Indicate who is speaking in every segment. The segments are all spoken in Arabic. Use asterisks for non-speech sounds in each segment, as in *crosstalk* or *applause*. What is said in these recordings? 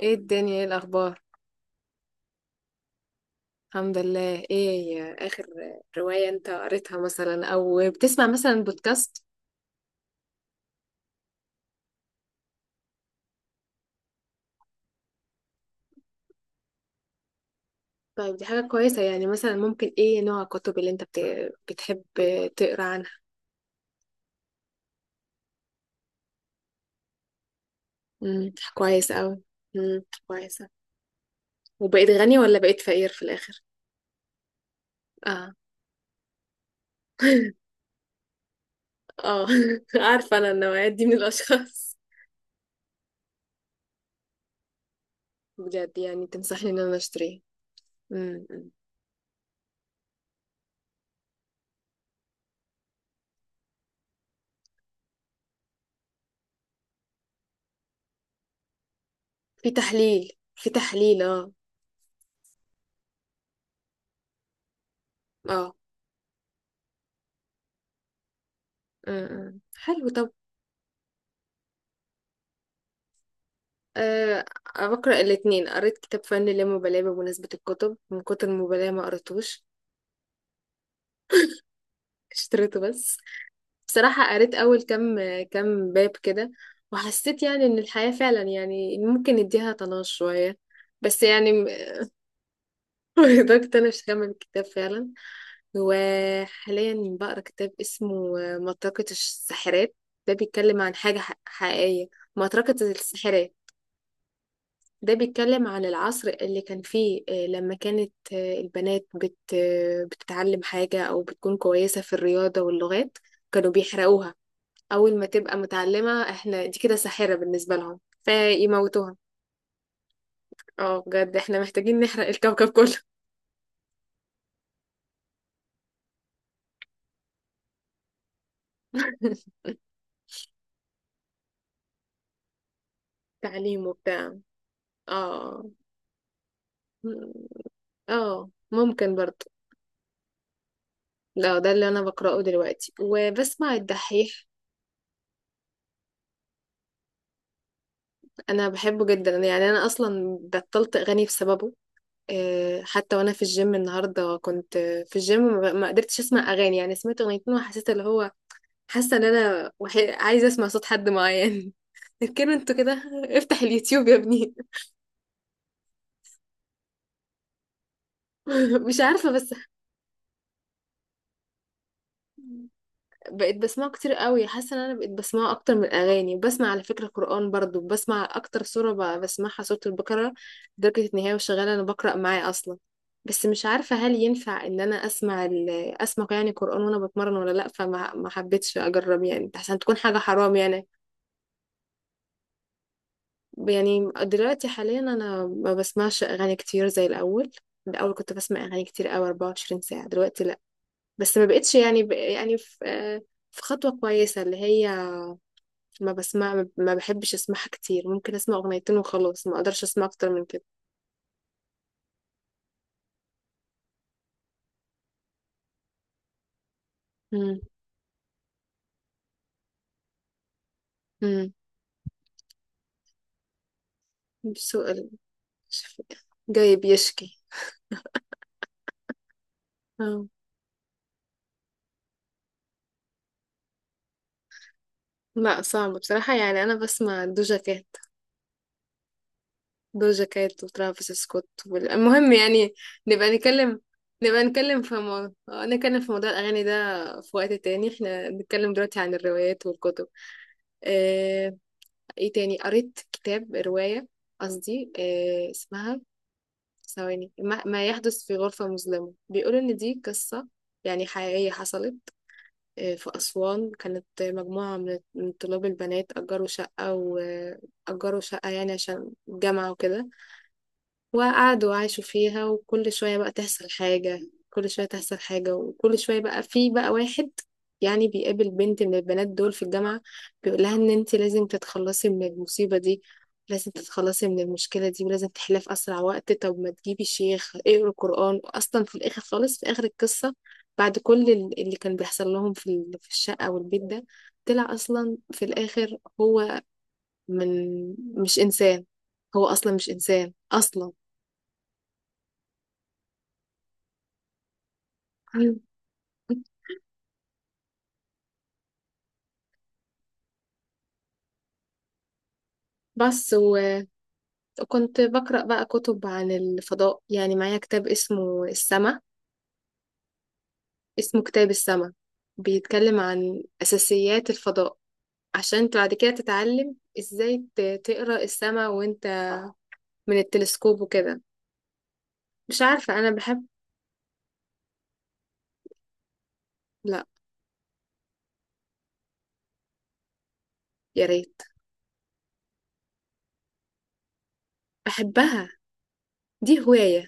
Speaker 1: ايه الدنيا، ايه الاخبار؟ الحمد لله. ايه اخر رواية انت قريتها مثلا، او بتسمع مثلا بودكاست؟ طيب، دي حاجة كويسة. يعني مثلا ممكن ايه نوع الكتب اللي انت بتحب تقرا عنها؟ كويس اوي. كويسة. وبقيت غني ولا بقيت فقير في الاخر؟ اه. *laughs* اه. *laughs* عارفة انا النوعية دي من الاشخاص. بجد؟ يعني تنصحني ان انا اشتريه؟ امم في تحليل اه. اه. حلو. طب، أه، بقرأ الاتنين. قريت كتاب فن اللامبالاة. بمناسبة الكتب، من كتر المبالاة ما قريتهوش. *laughs* اشتريته بس. بصراحة قريت أول كام باب كده، وحسيت يعني إن الحياة فعلا يعني ممكن نديها طناش شوية. بس يعني *laughs* لدرجة أنا مش هكمل الكتاب فعلا. وحاليا بقرا كتاب اسمه مطرقة الساحرات. ده بيتكلم عن حاجة حقيقية. مطرقة الساحرات، ده بيتكلم عن العصر اللي كان فيه، لما كانت البنات بت آه، بتتعلم حاجة أو بتكون كويسة في الرياضة واللغات، كانوا بيحرقوها. أول ما تبقى متعلمة احنا دي كده ساحرة بالنسبة لهم فيموتوها. اه، بجد احنا محتاجين نحرق الكوكب كله. *laughs* تعليم وبتاع. اه. اه، ممكن برضه. لا، ده اللي انا بقراه دلوقتي وبسمع الدحيح. انا بحبه جدا. يعني انا اصلا بطلت اغاني بسببه. حتى وانا في الجيم النهارده كنت في الجيم، ما قدرتش اسمع اغاني. يعني سمعت اغنيتين وحسيت اللي هو، حاسه ان انا عايزه اسمع صوت حد معين. *laughs* لكن انتوا كده، افتح اليوتيوب يا ابني. *laughs* مش عارفه، بس بقيت بسمعه كتير قوي. حاسه ان انا بقيت بسمعه اكتر من الاغاني. وبسمع على فكره قران برضو. بسمع اكتر سوره بسمعها سوره البقره. لدرجه ان هي وشغاله انا بقرا معاه اصلا. بس مش عارفه هل ينفع ان انا اسمع اسمع يعني قران وانا بتمرن ولا لا. فما ما حبيتش اجرب يعني، عشان تكون حاجه حرام يعني دلوقتي حاليا انا ما بسمعش اغاني كتير زي الاول. الاول كنت بسمع اغاني كتير قوي 24 ساعه، دلوقتي لا. بس ما بقتش يعني يعني في خطوه كويسه اللي هي، ما بحبش اسمعها كتير. ممكن اسمع اغنيتين وخلاص، ما اقدرش اسمع اكتر من كده. امم امم سؤال، جاي بيشكي؟ اه. لا، صعب بصراحة. يعني انا بسمع دوجا كات، دوجا كات وترافيس سكوت المهم يعني. نبقى نتكلم نبقى نتكلم في مو... آه، نتكلم في موضوع الأغاني ده في وقت تاني. احنا بنتكلم دلوقتي عن الروايات والكتب. اه... ايه تاني قريت كتاب رواية؟ قصدي اسمها ثواني، ما يحدث في غرفة مظلمة. بيقول إن دي قصة يعني حقيقية حصلت. في أسوان كانت مجموعة من طلاب البنات أجروا شقة، وأجروا شقة يعني عشان الجامعة وكده، وقعدوا وعاشوا فيها. وكل شوية بقى تحصل حاجة، كل شوية تحصل حاجة. وكل شوية بقى في بقى واحد يعني بيقابل بنت من البنات دول في الجامعة، بيقول لها ان انت لازم تتخلصي من المصيبة دي، لازم تتخلصي من المشكلة دي ولازم تحلها في أسرع وقت. طب ما تجيبي شيخ اقري قرآن. أصلا في الآخر خالص، في آخر القصة، بعد كل اللي كان بيحصل لهم في في الشقة والبيت ده، طلع أصلا في الآخر هو من مش إنسان. هو أصلا مش إنسان أصلا. بس وكنت بقرأ بقى كتب عن الفضاء، يعني معايا كتاب اسمه كتاب السماء. بيتكلم عن أساسيات الفضاء، عشان انت بعد كده تتعلم ازاي تقرأ السماء وانت من التلسكوب وكده. مش عارفة، انا بحب. لا، يا ريت. بحبها، دي هواية.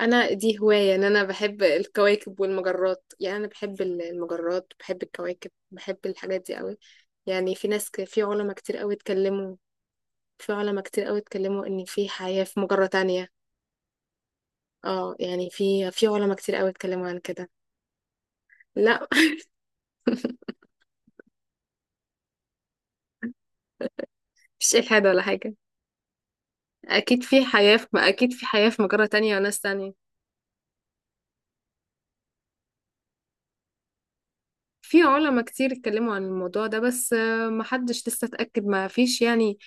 Speaker 1: انا دي هواية، ان انا بحب الكواكب والمجرات. يعني انا بحب المجرات، بحب الكواكب، بحب الحاجات دي قوي. يعني في في علماء كتير قوي اتكلموا في علماء كتير قوي اتكلموا ان في حياة في مجرة تانية. اه، يعني في علماء كتير قوي اتكلموا عن كده. لا. *laughs* مش إلحاد ولا حاجة. اكيد في حياة، في ما اكيد في حياة في مجرة تانية وناس تانية. في علماء كتير اتكلموا عن الموضوع ده، بس محدش لسه اتأكد، ما فيش يعني.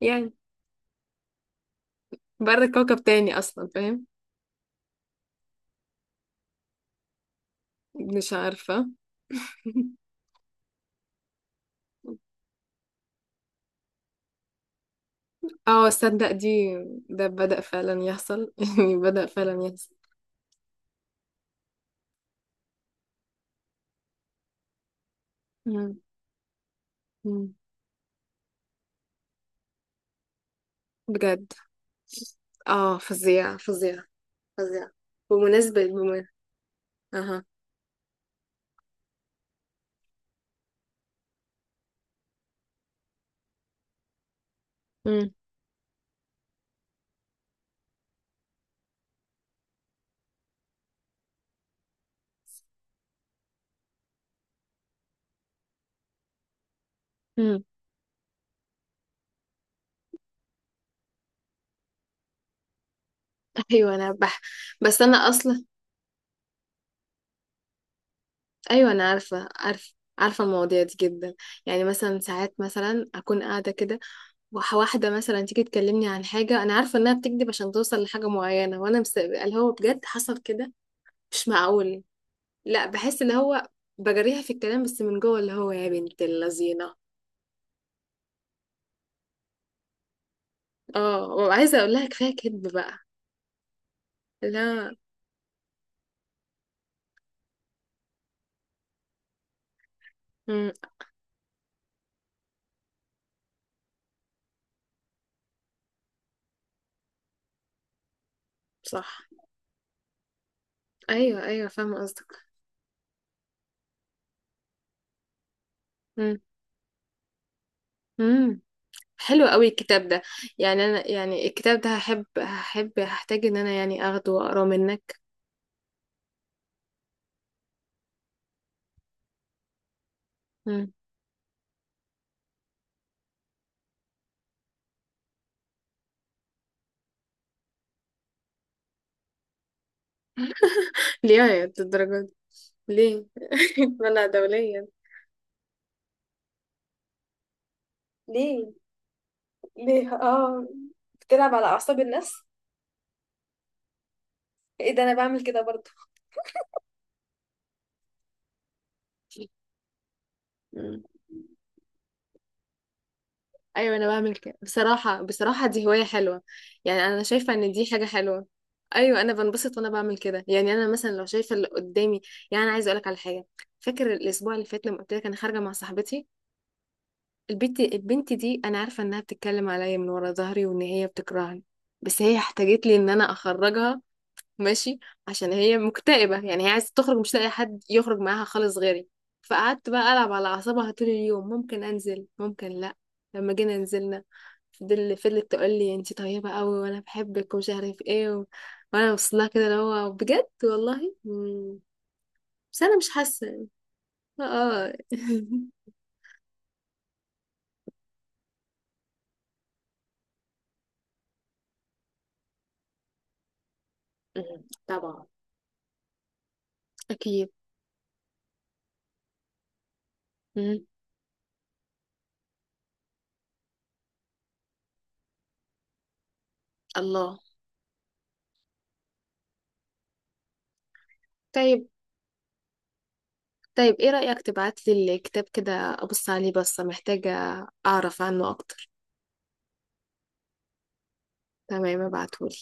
Speaker 1: يعني بره كوكب تاني اصلا، فاهم؟ مش عارفة. *laughs* اه، صدق دي. ده بدأ فعلا يحصل. *laughs* يعني بدأ فعلا يحصل. مم. مم. بجد؟ اه، فظيع فظيع فظيعة. بمناسبة. اها. امم امم *laughs* ايوه، انا بس انا اصلا، ايوه انا عارفة، عارفة عارفة المواضيع دي جدا. يعني مثلا ساعات مثلا اكون قاعدة كده، واحدة مثلا تيجي تكلمني عن حاجة انا عارفة انها بتكذب عشان توصل لحاجة معينة، وانا اللي هو بجد حصل كده، مش معقول. لا، بحس اللي هو، بجريها في الكلام بس من جوه اللي هو يا بنت اللذينة. اه، وعايزة اقول لها كفاية كذب بقى. لا. امم صح. ايوه، ايوه، فاهمة قصدك. امم حلو قوي الكتاب ده. يعني انا، يعني الكتاب ده هحب هحب هحتاج ان انا يعني اخده واقراه منك. مم. ليه يا الدرجة دي؟ ليه؟ *laughs* منع دوليا؟ ليه؟ ليه؟ اه. بتلعب على اعصاب الناس. ايه ده، انا بعمل كده برضه؟ مم. ايوه، انا بعمل كده. بصراحة، بصراحة دي هواية حلوة. يعني انا شايفة ان دي حاجة حلوة. ايوه، انا بنبسط وانا بعمل كده. يعني انا مثلا لو شايفة اللي قدامي، يعني انا عايزة اقولك على حاجة. فاكر الاسبوع اللي فات لما قلت لك انا خارجة مع صاحبتي؟ البنت دي انا عارفه انها بتتكلم عليا من ورا ظهري، وان هي بتكرهني. بس هي احتاجت لي ان انا اخرجها. ماشي، عشان هي مكتئبه، يعني هي عايزه تخرج، مش لاقي حد يخرج معاها خالص غيري. فقعدت بقى العب على اعصابها طول اليوم، ممكن انزل ممكن لا. لما جينا نزلنا، فضلت تقول لي انت طيبه قوي وانا بحبك ومش عارف ايه وانا وصلها كده اللي هو بجد والله. مم. بس انا مش حاسه. اه. *laughs* مم. طبعا. اكيد. مم. الله. طيب، طيب ايه رأيك تبعت لي الكتاب كده، ابص عليه، بس محتاجة اعرف عنه اكتر. تمام، ابعتهولي.